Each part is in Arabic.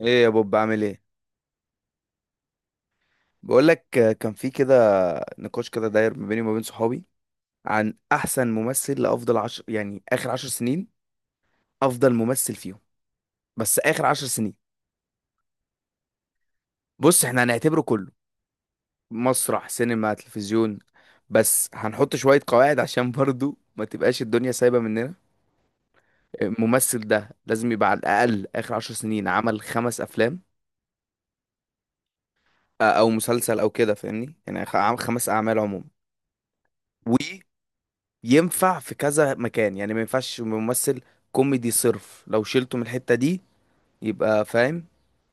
ايه يا بوب، بعمل ايه؟ بقول لك، كان في كده نقاش كده داير ما بيني وما بين صحابي عن احسن ممثل لافضل عشر، يعني اخر عشر سنين، افضل ممثل فيهم، بس اخر عشر سنين. بص، احنا هنعتبره كله: مسرح، سينما، تلفزيون. بس هنحط شوية قواعد عشان برضو ما تبقاش الدنيا سايبة مننا. الممثل ده لازم يبقى على الاقل اخر عشر سنين عمل خمس افلام، او مسلسل او كده، فاهمني؟ يعني عمل خمس اعمال عموما، ينفع في كذا مكان. يعني ما ينفعش ممثل كوميدي صرف لو شلته من الحتة دي يبقى فاهم،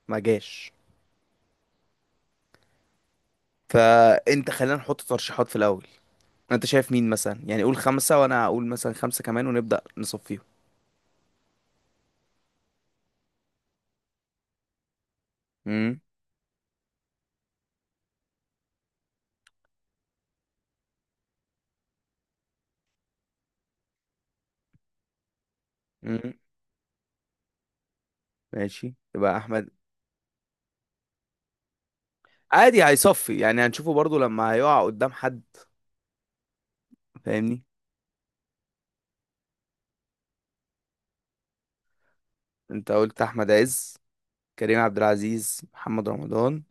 ما جاش. فانت، خلينا نحط ترشيحات في الاول. انت شايف مين مثلا؟ يعني قول خمسة وانا اقول مثلا خمسة كمان ونبدأ نصفيهم. امم امم ماشي، يبقى احمد. عادي، هيصفي، يعني هنشوفه برضو لما هيقع قدام حد، فاهمني. انت قلت احمد عز، كريم عبد العزيز، محمد رمضان.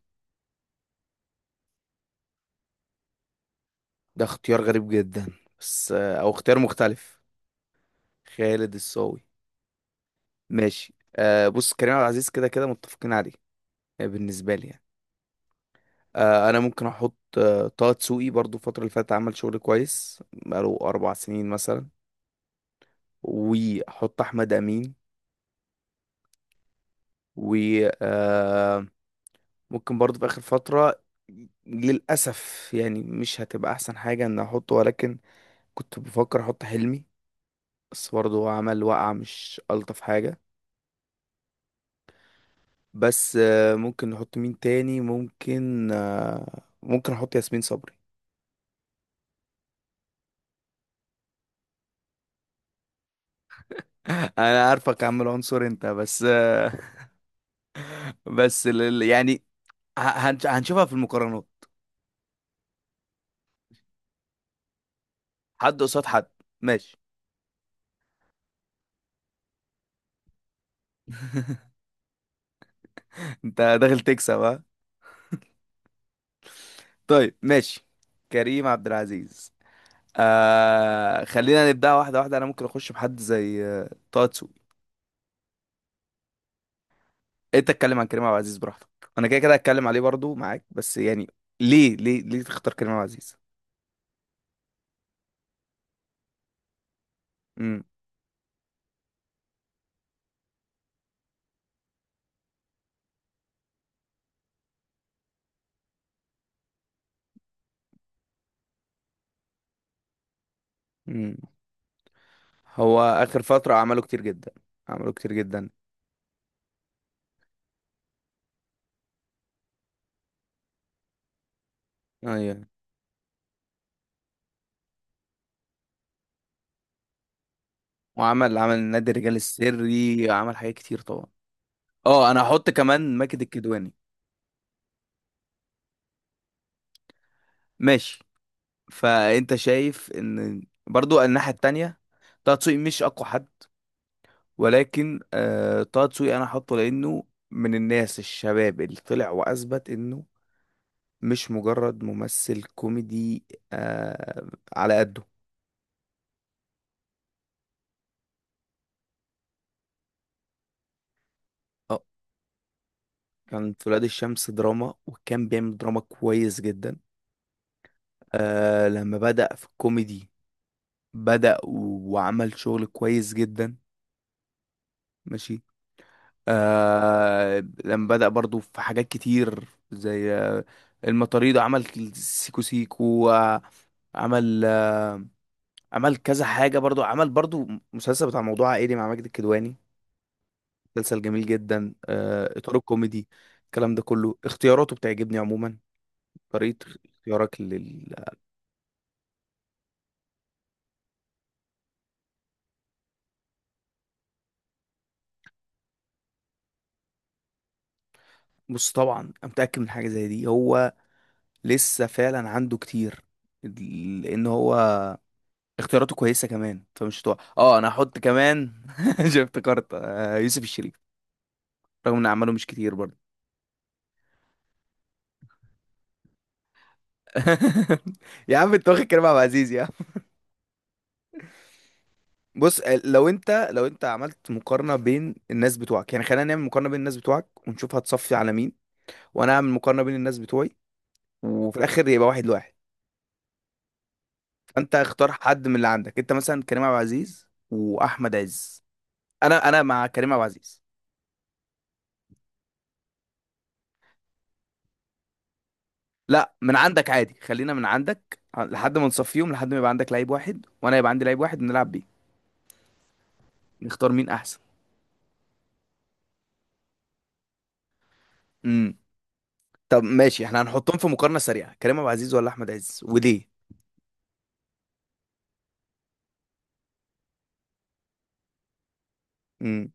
ده اختيار غريب جدا، بس او اختيار مختلف. خالد الصاوي. ماشي، آه بص، كريم عبد العزيز كده كده متفقين عليه. بالنسبة لي يعني، أنا ممكن أحط طه دسوقي، برضو الفترة اللي فاتت عمل شغل كويس بقاله أربع سنين مثلا، وأحط أحمد أمين. و آه ممكن برضو في آخر فترة، للأسف يعني مش هتبقى أحسن حاجة إن أحطه، ولكن كنت بفكر أحط حلمي، بس برضو هو عمل وقعة مش ألطف حاجة. بس آه، ممكن نحط مين تاني؟ ممكن ممكن أحط ياسمين صبري. انا عارفك يا عم، العنصر انت بس. بس يعني ه- هنشوفها في المقارنات. حد قصاد حد، ماشي. انت داخل تكسب، ها؟ طيب ماشي، كريم عبد العزيز. آه خلينا نبدأ واحدة واحدة، انا ممكن اخش بحد زي طه دسوقي. انت اتكلم عن كريم عبد العزيز براحتك. انا كده كده هتكلم عليه برضو معاك، بس يعني ليه ليه ليه تختار كريم عبد العزيز؟ امم امم هو اخر فترة عمله كتير جدا، عمله كتير جدا، ايوه. وعمل نادي الرجال السري، عمل حاجات كتير طبعا. اه انا هحط كمان ماجد الكدواني. ماشي. فانت شايف ان برضو الناحية التانية طه دسوقي مش اقوى حد، ولكن آه، طه دسوقي انا هحطه لانه من الناس الشباب اللي طلع واثبت انه مش مجرد ممثل كوميدي، آه على قده. اه، كان في ولاد الشمس دراما، وكان بيعمل دراما كويس جدا. لما بدأ في الكوميدي، بدأ وعمل شغل كويس جدا، ماشي. لما بدأ برضو في حاجات كتير زي المطاريد، عمل سيكو سيكو، عمل عمل كذا حاجة برضو، عمل برضو مسلسل بتاع موضوع عائلي مع ماجد الكدواني، مسلسل جميل جدا، إطار الكوميدي. الكلام ده كله، اختياراته بتعجبني عموما، طريقة اختيارك لل... بص طبعا أنا متأكد من حاجة زي دي، هو لسه فعلا عنده كتير، لأن هو اختياراته كويسه كمان فمش هتوقع. اه انا هحط كمان، شفت، افتكرت يوسف الشريف، رغم ان اعماله مش كتير برضه. يا عم انت واخد كريم عبد العزيز يا عم. بص لو انت عملت مقارنه بين الناس بتوعك، يعني خلينا نعمل مقارنه بين الناس بتوعك ونشوف هتصفي على مين، وانا اعمل مقارنه بين الناس بتوعي، وفي الاخر يبقى واحد لواحد. فانت اختار حد من اللي عندك، انت مثلا كريم عبد العزيز واحمد عز. انا مع كريم عبد العزيز. لا، من عندك عادي، خلينا من عندك لحد ما نصفيهم، لحد ما يبقى عندك لعيب واحد وانا يبقى عندي لعيب واحد نلعب بيه. نختار مين احسن. امم طب ماشي، احنا هنحطهم في مقارنة سريعة: كريم ابو عزيز ولا احمد عز وليه؟ امم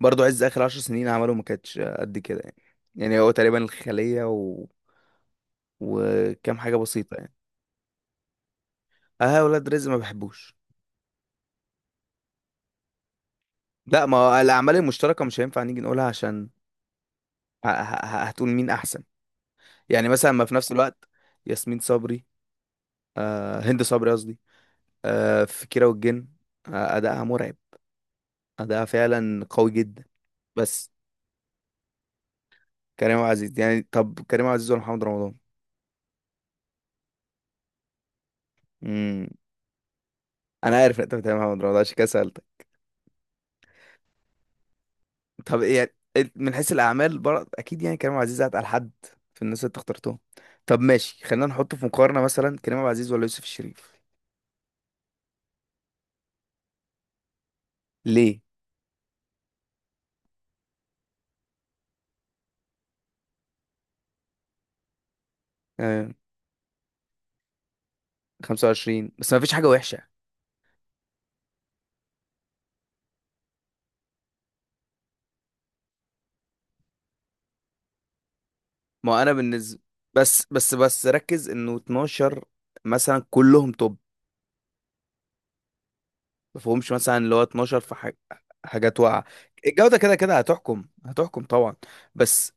برضه عز اخر عشر سنين عمله ما كانتش قد كده يعني، يعني هو تقريبا الخلية و... وكام حاجة بسيطة يعني. اه ولاد رزق ما بحبوش. لا، ما هو الاعمال المشتركة مش هينفع نيجي نقولها، عشان هتقول مين احسن؟ يعني مثلا ما في نفس الوقت. ياسمين صبري، آه هند صبري قصدي، في كيرة والجن، أداءها مرعب، أداءها فعلا قوي جدا. بس كريم عبد العزيز يعني، طب كريم عبد العزيز ولا محمد رمضان؟ امم أنا عارف إن أنت بتتكلم عن محمد رمضان، عشان كده سألتك. طب إيه يعني، إيه من حيث الأعمال؟ برضه أكيد يعني كريم عبد العزيز أتقل حد في الناس اللي أنت اخترتهم. طب ماشي، خلينا نحط في مقارنة مثلا كريم عبد العزيز ولا يوسف الشريف. ليه؟ آه 25 بس ما فيش حاجة وحشة. ما أنا بالنسبة، بس بس بس ركز إنه 12 مثلا كلهم توب، ما فيهمش مثلا اللي هو 12 في حاج... حاجات واقعه. الجوده كده كده هتحكم، هتحكم طبعا، بس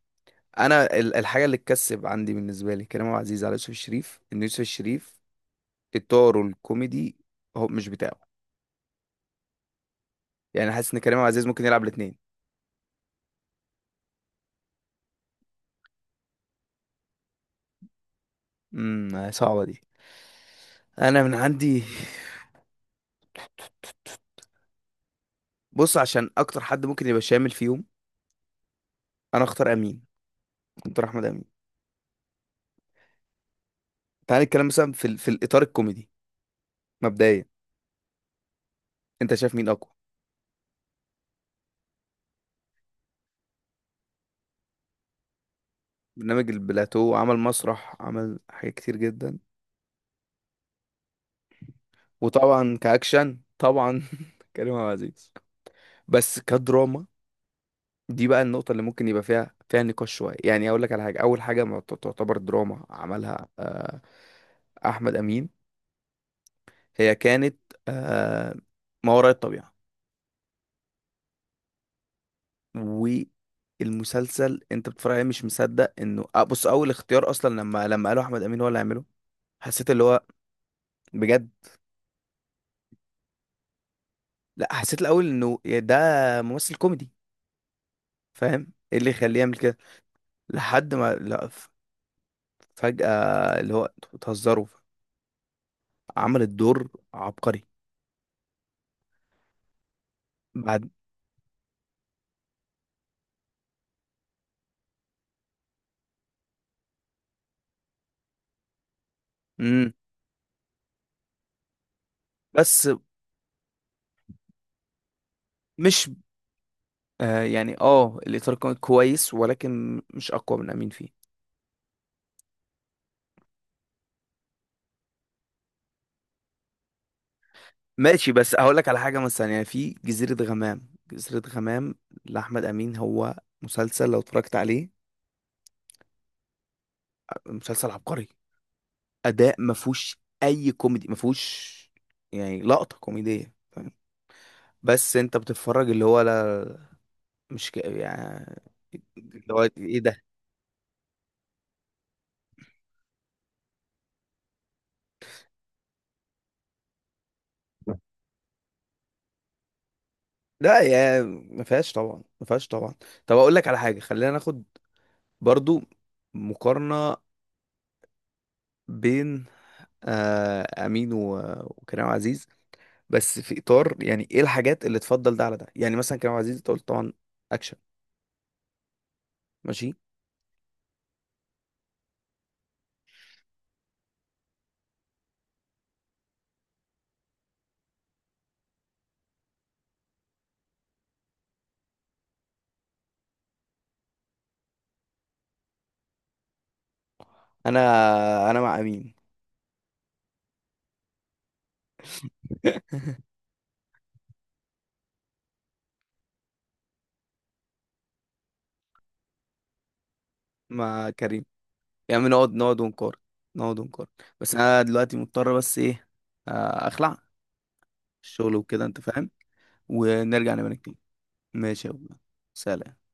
انا الحاجه اللي تكسب عندي، بالنسبه لي كريم عبد العزيز على يوسف الشريف، ان يوسف الشريف اطاره الكوميدي هو مش بتاعه. يعني حاسس ان كريم عبد العزيز ممكن يلعب الاثنين. صعبه دي. انا من عندي، بص عشان اكتر حد ممكن يبقى شامل فيهم، انا اختار امين، اختار احمد امين. تعال نتكلم مثلا في في الاطار الكوميدي، مبدئيا انت شايف مين اقوى؟ برنامج البلاتو، عمل مسرح، عمل حاجات كتير جدا. وطبعا كأكشن، طبعا كريم عبد العزيز. بس كدراما، دي بقى النقطة اللي ممكن يبقى فيها نقاش شوية. يعني أقول لك على حاجة، أول حاجة ما تعتبر دراما عملها أحمد أمين، هي كانت آه، ما وراء الطبيعة. والمسلسل أنت بتتفرج عليه مش مصدق إنه. بص أول اختيار أصلا، لما قالوا أحمد أمين هو اللي هيعمله، حسيت اللي هو، بجد. لا، حسيت الأول إنه يا ده ممثل كوميدي، فاهم إيه اللي يخليه يعمل كده؟ لحد ما لا، فجأة، اللي هو انتوا بتهزروا؟ عمل الدور عبقري. بعد، مم. بس مش، يعني، اه، الإطار كان كويس ولكن مش أقوى من أمين فيه. ماشي بس هقول لك على حاجة مثلا، يعني في جزيرة غمام، جزيرة غمام لأحمد أمين، هو مسلسل لو اتفرجت عليه، مسلسل عبقري، أداء ما فيهوش أي كوميدي، ما فيهوش يعني لقطة كوميدية، فاهم؟ بس انت بتتفرج اللي هو لا، مش يعني، اللي هو ايه ده؟ لا يا، ما فيهاش طبعا، ما فيهاش طبعا. طب اقول لك على حاجه، خلينا ناخد برضو مقارنه بين امين وكريم عزيز، بس في اطار، يعني ايه الحاجات اللي تفضل ده على ده؟ يعني مثلا كريم عزيز انت قلت طبعا اكشن، ماشي. انا انا مع امين. مع كريم. يعني نقعد، نقعد ونقارن، نقعد ونقارن. بس انا دلوقتي مضطر، بس ايه، اخلع الشغل وكده، انت فاهم. ونرجع نبقى نتكلم. ماشي يا أبو الله. سلام.